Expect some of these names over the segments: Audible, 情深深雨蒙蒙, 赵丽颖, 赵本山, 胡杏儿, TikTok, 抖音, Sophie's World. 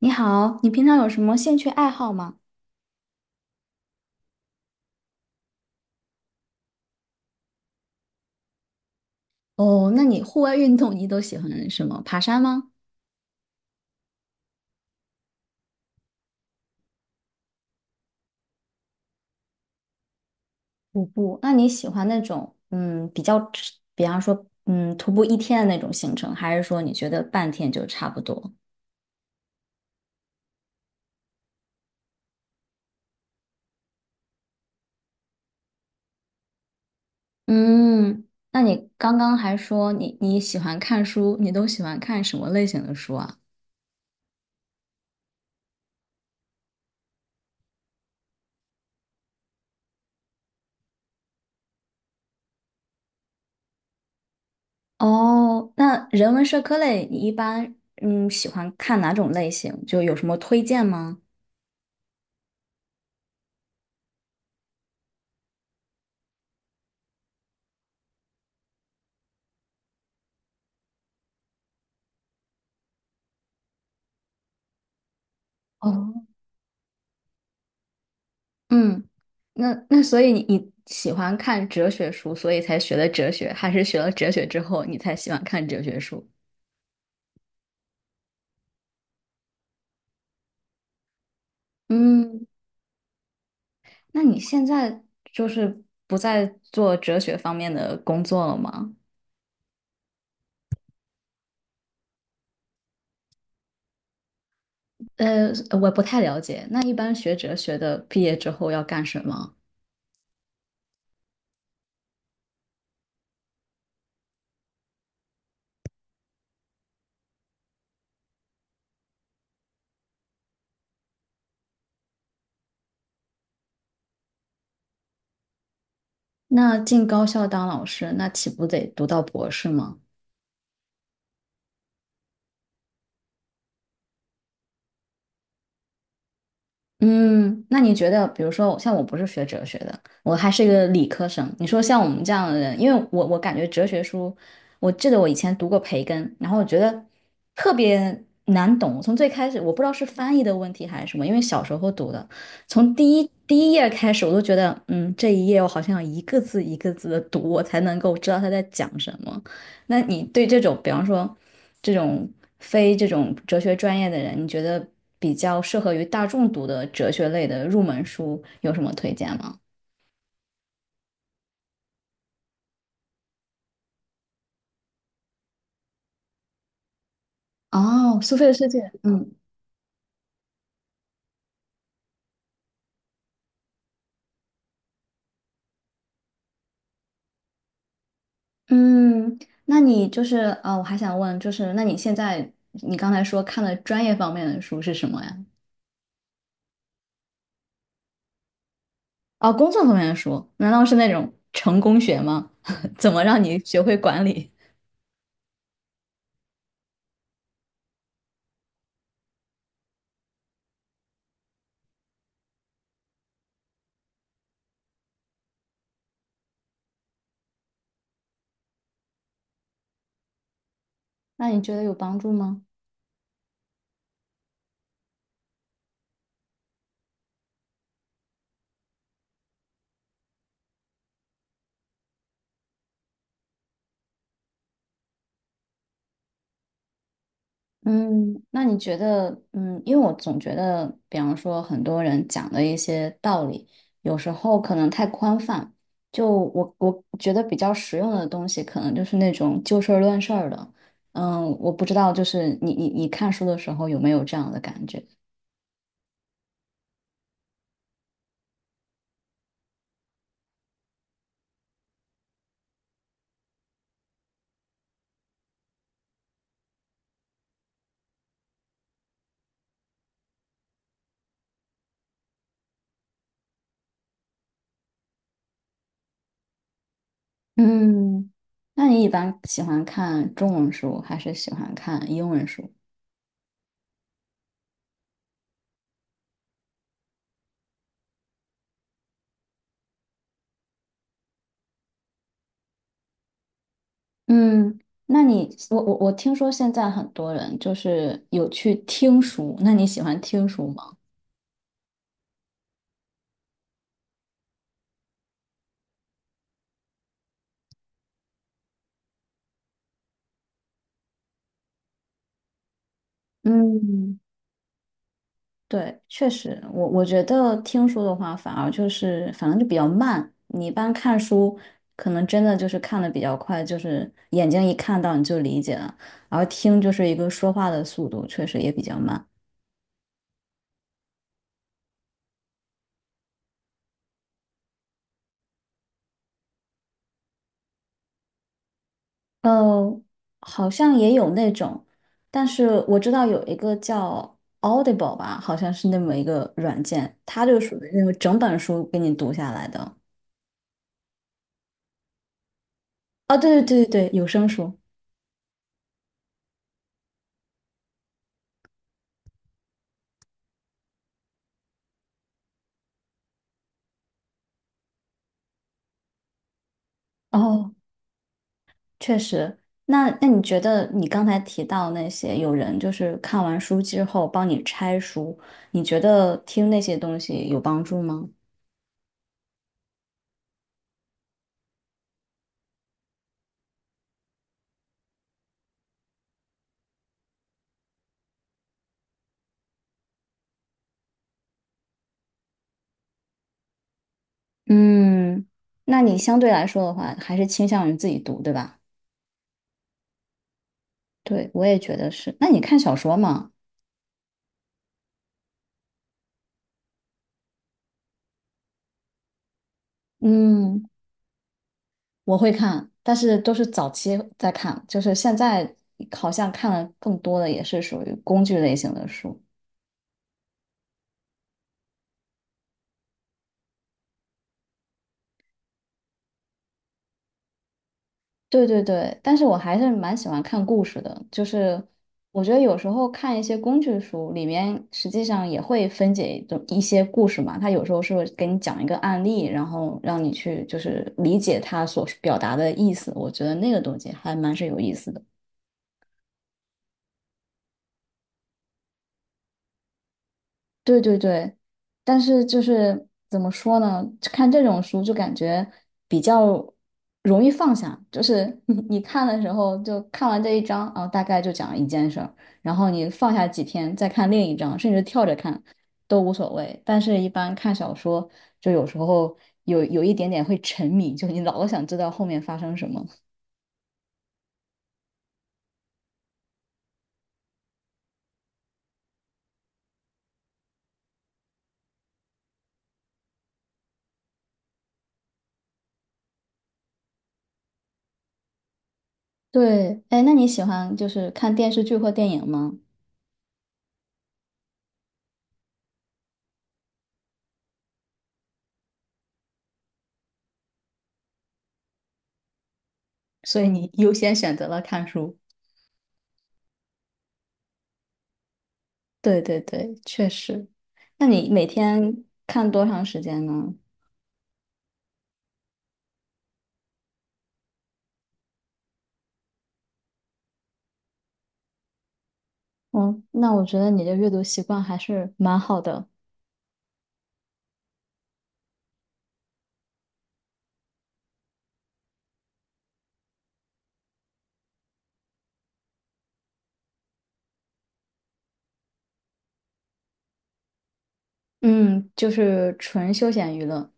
你好，你平常有什么兴趣爱好吗？哦，那你户外运动你都喜欢什么？爬山吗？徒步，那你喜欢那种比较吃比方说徒步一天的那种行程，还是说你觉得半天就差不多？嗯，那你刚刚还说你喜欢看书，你都喜欢看什么类型的书啊？哦，那人文社科类你一般嗯喜欢看哪种类型？就有什么推荐吗？哦。嗯，那所以你喜欢看哲学书，所以才学的哲学，还是学了哲学之后你才喜欢看哲学书？嗯，那你现在就是不再做哲学方面的工作了吗？呃，我不太了解。那一般学哲学的毕业之后要干什么？那进高校当老师，那岂不得读到博士吗？嗯，那你觉得，比如说，像我不是学哲学的，我还是一个理科生。你说像我们这样的人，因为我感觉哲学书，我记得我以前读过培根，然后我觉得特别难懂。从最开始，我不知道是翻译的问题还是什么，因为小时候读的，从第一页开始，我都觉得，嗯，这一页我好像要一个字一个字的读，我才能够知道他在讲什么。那你对这种，比方说这种非这种哲学专业的人，你觉得比较适合于大众读的哲学类的入门书有什么推荐吗？哦，苏菲的世界，嗯。嗯，那你就是我还想问，就是那你现在你刚才说看的专业方面的书是什么呀？哦，工作方面的书，难道是那种成功学吗？怎么让你学会管理？那你觉得有帮助吗？嗯，那你觉得，嗯，因为我总觉得，比方说很多人讲的一些道理，有时候可能太宽泛。就我觉得比较实用的东西，可能就是那种就事儿论事儿的。嗯，我不知道，就是你看书的时候有没有这样的感觉？嗯 那你一般喜欢看中文书，还是喜欢看英文书？嗯，那你我听说现在很多人就是有去听书，那你喜欢听书吗？嗯，对，确实，我觉得听书的话，反而就是反正就比较慢。你一般看书，可能真的就是看的比较快，就是眼睛一看到你就理解了，而听就是一个说话的速度，确实也比较慢。呃，好像也有那种，但是我知道有一个叫 Audible 吧，好像是那么一个软件，它就属于那种整本书给你读下来的。啊，对对对对对，有声书。哦。确实，那你觉得你刚才提到那些有人就是看完书之后帮你拆书，你觉得听那些东西有帮助吗？嗯，那你相对来说的话，还是倾向于自己读，对吧？对，我也觉得是。那你看小说吗？嗯，我会看，但是都是早期在看，就是现在好像看的更多的也是属于工具类型的书。对对对，但是我还是蛮喜欢看故事的，就是我觉得有时候看一些工具书，里面实际上也会分解一种一些故事嘛，它有时候是会给你讲一个案例，然后让你去就是理解它所表达的意思，我觉得那个东西还蛮是有意思的。对对对，但是就是怎么说呢？看这种书就感觉比较容易放下，就是你看的时候就看完这一章啊，大概就讲一件事儿，然后你放下几天再看另一章，甚至跳着看都无所谓。但是，一般看小说就有时候有一点点会沉迷，就你老想知道后面发生什么。对，哎，那你喜欢就是看电视剧或电影吗？所以你优先选择了看书。对对对，确实。那你每天看多长时间呢？嗯，那我觉得你的阅读习惯还是蛮好的。嗯，就是纯休闲娱乐。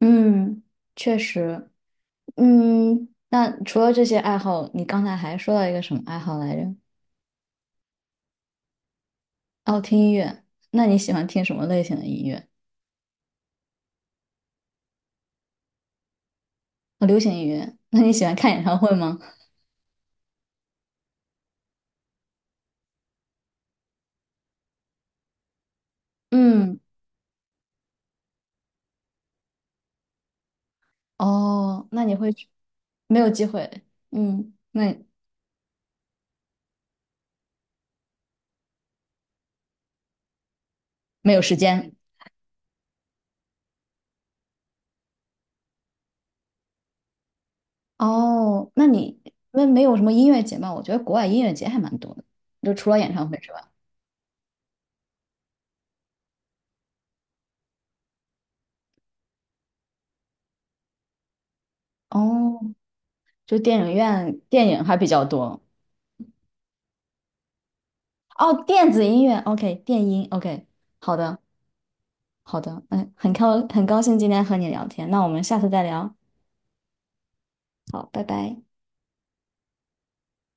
嗯，确实。嗯，那除了这些爱好，你刚才还说到一个什么爱好来着？哦，听音乐。那你喜欢听什么类型的音乐？哦，流行音乐。那你喜欢看演唱会吗？嗯，哦，那你会去？没有机会。嗯，那没有时间。哦，那你那没有什么音乐节吗？我觉得国外音乐节还蛮多的，就除了演唱会之外。哦，就电影院电影还比较多。哦，电子音乐，OK，电音，OK，好的，好的，嗯，很高兴今天和你聊天，那我们下次再聊。好，拜拜。